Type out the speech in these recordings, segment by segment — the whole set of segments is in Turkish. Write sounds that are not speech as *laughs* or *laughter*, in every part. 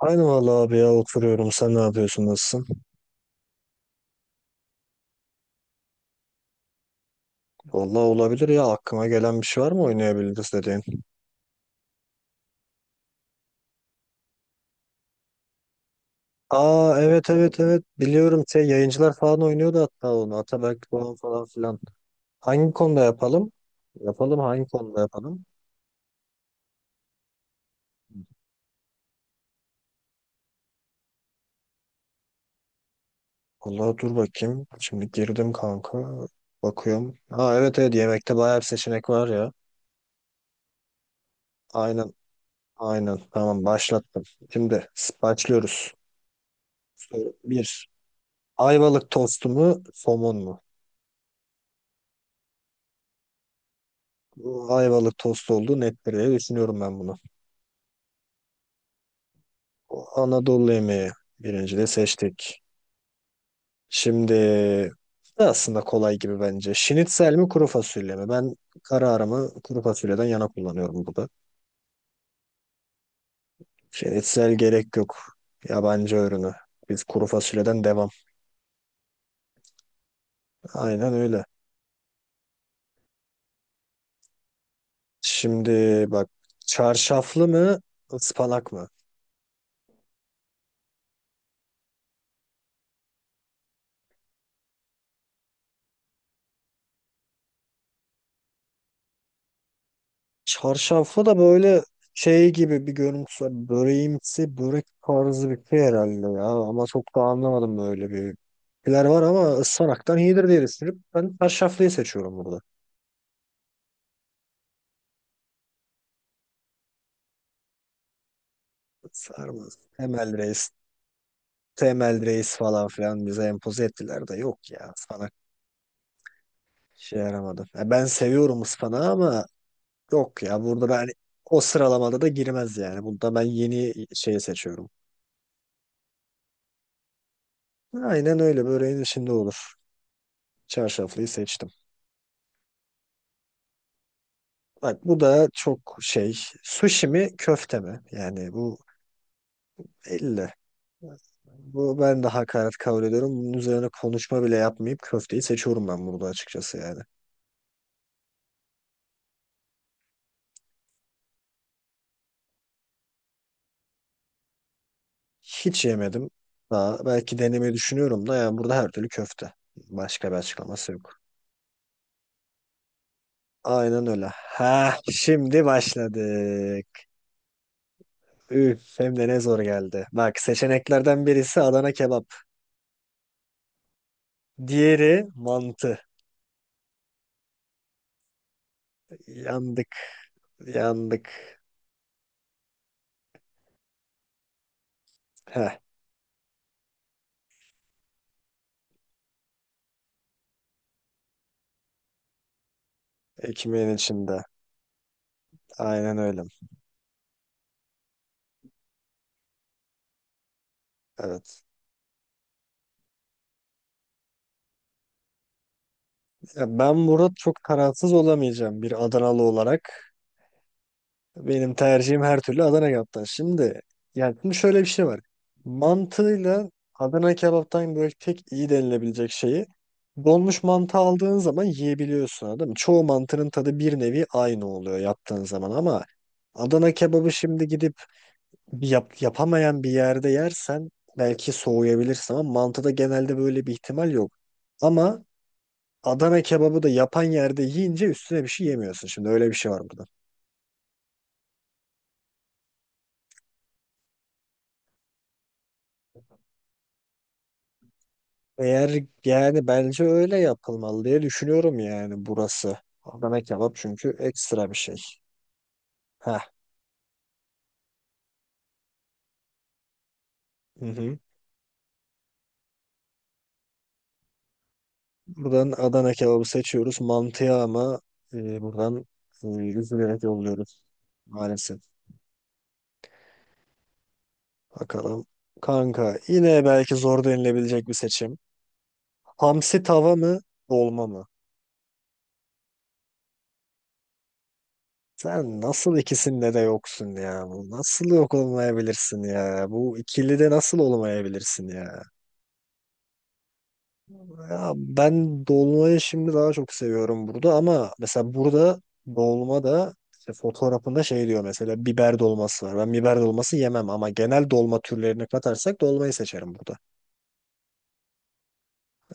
Aynı vallahi abi ya oturuyorum. Sen ne yapıyorsun? Nasılsın? Vallahi olabilir ya. Aklıma gelen bir şey var mı oynayabiliriz dediğin? Aa evet evet evet. Biliyorum şey yayıncılar falan oynuyordu hatta onu. Ataberk Doğan falan filan. Hangi konuda yapalım? Yapalım hangi konuda yapalım? Vallahi dur bakayım. Şimdi girdim kanka. Bakıyorum. Ha evet evet yemekte bayağı bir seçenek var ya. Aynen aynen. Tamam başlattım. Şimdi başlıyoruz. Soru 1. Ayvalık tostu mu, somun mu? Ayvalık tost olduğu nettir diye düşünüyorum ben bunu. Anadolu yemeği birinci de seçtik. Şimdi bu da aslında kolay gibi bence. Şinitsel mi kuru fasulye mi? Ben kararımı kuru fasulyeden yana kullanıyorum burada. Şinitsel gerek yok. Yabancı ürünü. Biz kuru fasulyeden devam. Aynen öyle. Şimdi bak çarşaflı mı ıspanak mı? Çarşaflı da böyle şey gibi bir görüntüsü var. Böreğimsi, börek tarzı bir şey herhalde ya. Ama çok da anlamadım böyle bir şeyler var ama ıspanaktan iyidir diye düşünüp ben çarşaflıyı seçiyorum burada. Sarmaz. Temel reis falan filan bize empoze ettiler de yok ya. Ispanak şey yaramadı. Ya ben seviyorum ıspanağı ama yok ya. Burada ben o sıralamada da girmez yani. Burada ben yeni şeyi seçiyorum. Aynen öyle. Böreğin içinde olur. Çarşaflıyı seçtim. Bak bu da çok şey. Sushi mi köfte mi? Yani bu 50. Bu ben de hakaret kabul ediyorum. Bunun üzerine konuşma bile yapmayıp köfteyi seçiyorum ben burada açıkçası yani. Hiç yemedim. Daha belki denemeyi düşünüyorum da yani burada her türlü köfte. Başka bir açıklaması yok. Aynen öyle. Ha şimdi başladık. Üf hem de ne zor geldi. Bak seçeneklerden birisi Adana kebap. Diğeri mantı. Yandık yandık. Heh. Ekmeğin içinde. Aynen öyle. Evet. Ya ben burada çok kararsız olamayacağım bir Adanalı olarak. Benim tercihim her türlü Adana kebaptan. Şimdi yani şimdi şöyle bir şey var. Mantığıyla Adana kebaptan böyle tek iyi denilebilecek şeyi donmuş mantı aldığın zaman yiyebiliyorsun anladın mı? Çoğu mantının tadı bir nevi aynı oluyor yaptığın zaman ama Adana kebabı şimdi gidip yapamayan bir yerde yersen belki soğuyabilirsin ama mantıda genelde böyle bir ihtimal yok. Ama Adana kebabı da yapan yerde yiyince üstüne bir şey yemiyorsun. Şimdi öyle bir şey var burada. Eğer yani bence öyle yapılmalı diye düşünüyorum yani burası. Adana kebap çünkü ekstra bir şey. Heh. Hı hı. Buradan Adana kebabı seçiyoruz. Mantıya ama buradan üzülerek yolluyoruz maalesef. Bakalım. Kanka yine belki zor denilebilecek bir seçim. Hamsi tava mı, dolma mı? Sen nasıl ikisinde de yoksun ya? Bu nasıl yok olmayabilirsin ya? Bu ikilide nasıl olmayabilirsin ya? Ya ben dolmayı şimdi daha çok seviyorum burada ama mesela burada dolma da işte fotoğrafında şey diyor mesela biber dolması var. Ben biber dolması yemem ama genel dolma türlerini katarsak dolmayı seçerim burada.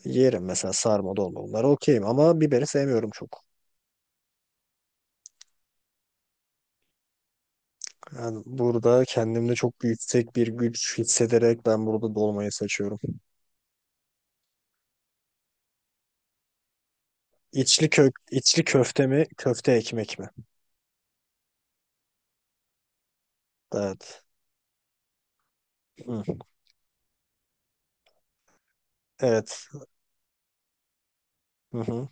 Yerim mesela sarma dolma bunlar okeyim ama biberi sevmiyorum çok. Yani burada kendimde çok yüksek bir güç hissederek ben burada dolmayı seçiyorum. İçli köfte mi, köfte ekmek mi? Evet. Hı. Evet. Hı hı.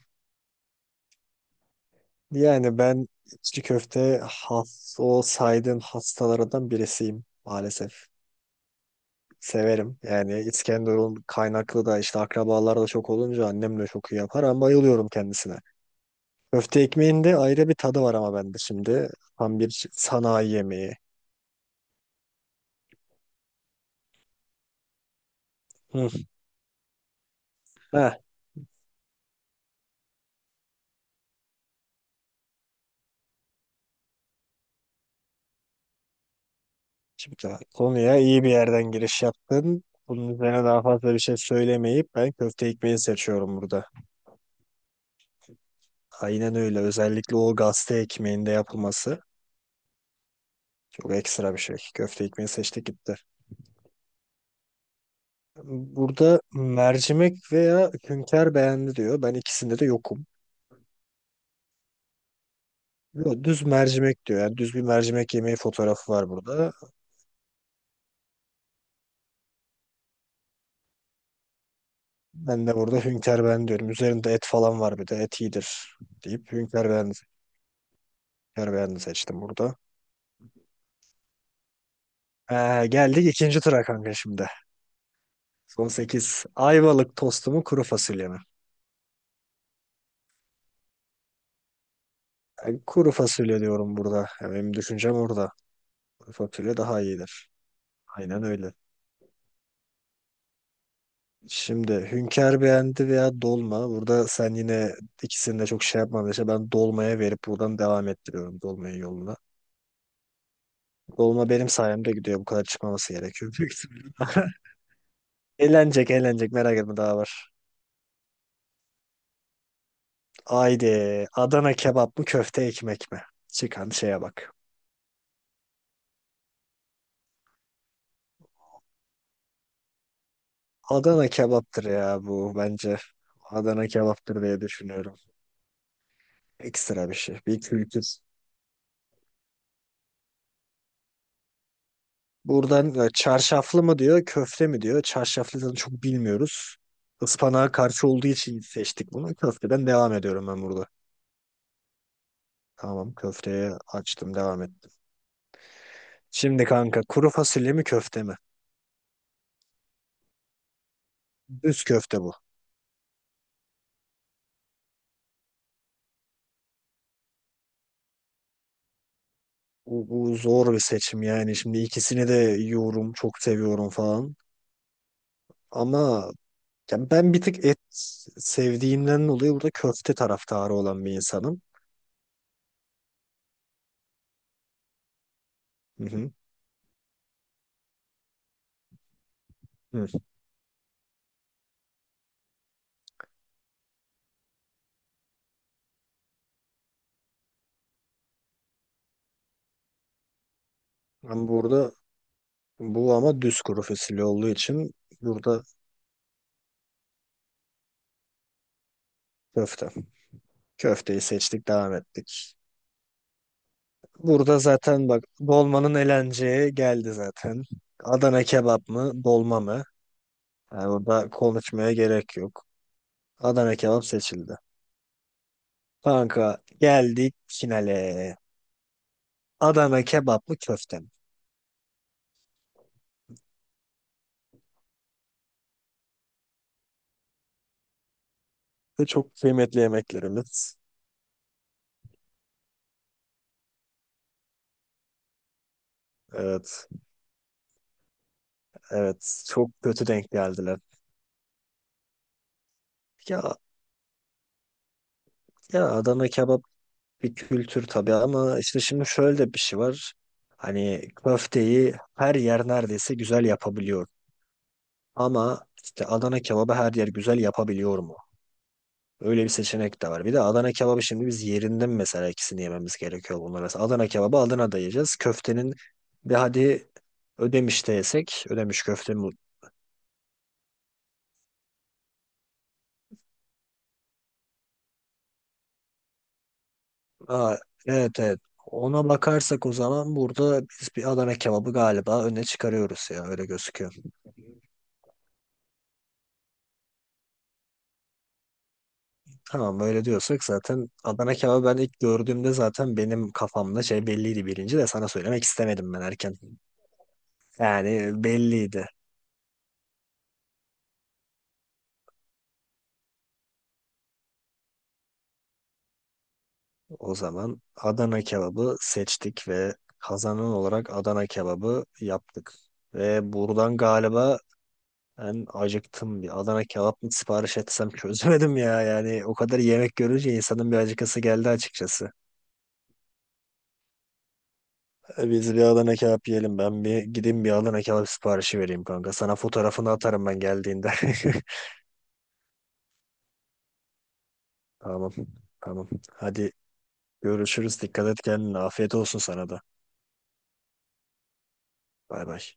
Yani ben içli köfte has, o saydığım hastalardan birisiyim maalesef. Severim. Yani İskenderun kaynaklı da işte akrabalar da çok olunca annem de çok iyi yapar ama bayılıyorum kendisine. Köfte ekmeğin de ayrı bir tadı var ama bende şimdi. Tam bir sanayi yemeği. Hı. Ha, şimdi konuya iyi bir yerden giriş yaptın. Bunun üzerine daha fazla bir şey söylemeyip ben köfte ekmeği seçiyorum burada. Aynen öyle. Özellikle o gazete ekmeğinde yapılması çok ekstra bir şey. Köfte ekmeği seçtik gitti. Burada mercimek veya hünkâr beğendi diyor. Ben ikisinde de yokum. Yo, düz mercimek diyor. Yani düz bir mercimek yemeği fotoğrafı var burada. Ben de burada hünkâr beğendi diyorum. Üzerinde et falan var bir de et iyidir deyip hünkâr beğendi. Hünkâr beğendi seçtim burada. Geldik ikinci tura kanka şimdi. Son 8 Ayvalık tostu mu kuru fasulye mi? Ben kuru fasulye diyorum burada. Ya benim düşüncem orada. Kuru fasulye daha iyidir. Aynen öyle. Şimdi Hünkar beğendi veya dolma. Burada sen yine ikisini de çok şey yapmadın. İşte ben dolmaya verip buradan devam ettiriyorum dolmayı yoluna. Dolma benim sayemde gidiyor. Bu kadar çıkmaması gerekiyor. Büyük ihtimalle. *laughs* Eğlenecek merak etme daha var. Haydi Adana kebap mı köfte ekmek mi? Çıkan şeye bak. Adana kebaptır ya bu bence. Adana kebaptır diye düşünüyorum. Ekstra bir şey. Bir kültür. Buradan çarşaflı mı diyor, köfte mi diyor. Çarşaflıdan çok bilmiyoruz. Ispanağa karşı olduğu için seçtik bunu. Köfteden devam ediyorum ben burada. Tamam köfteye açtım devam ettim. Şimdi kanka kuru fasulye mi köfte mi? Düz köfte bu. Bu zor bir seçim yani. Şimdi ikisini de yiyorum, çok seviyorum falan. Ama ya ben bir tık et sevdiğimden dolayı burada köfte taraftarı olan bir insanım. Hı hı. Hı. Ben burada bu ama düz kuru fasulye olduğu için burada köfte. Köfteyi seçtik, devam ettik. Burada zaten bak dolmanın elenceği geldi zaten. Adana kebap mı, dolma mı? Yani burada konuşmaya gerek yok. Adana kebap seçildi. Kanka geldik finale. Adana kebap mı, köfte mi? Ve çok kıymetli yemeklerimiz. Evet. Evet, çok kötü denk geldiler. Ya ya Adana kebap bir kültür tabii ama işte şimdi şöyle de bir şey var. Hani köfteyi her yer neredeyse güzel yapabiliyor. Ama işte Adana kebabı her yer güzel yapabiliyor mu? Öyle bir seçenek de var. Bir de Adana kebabı şimdi biz yerinden mesela ikisini yememiz gerekiyor bunlar. Mesela Adana kebabı Adana'da yiyeceğiz. Köftenin de hadi Ödemiş'te yesek, Ödemiş köfte mu- Aa, evet evet. Ona bakarsak o zaman burada biz bir Adana kebabı galiba öne çıkarıyoruz ya öyle gözüküyor. Tamam öyle diyorsak zaten Adana kebabı ben ilk gördüğümde zaten benim kafamda şey belliydi birinci de sana söylemek istemedim ben erken. Yani belliydi. O zaman Adana kebabı seçtik ve kazanan olarak Adana kebabı yaptık. Ve buradan galiba ben acıktım. Bir Adana kebap mı sipariş etsem çözemedim ya. Yani o kadar yemek görünce insanın bir acıkası geldi açıkçası. Biz bir Adana kebap yiyelim. Ben bir gideyim bir Adana kebap siparişi vereyim kanka. Sana fotoğrafını atarım ben geldiğinde. *laughs* Tamam. Tamam. Hadi görüşürüz. Dikkat et kendine. Afiyet olsun sana da. Bay bay.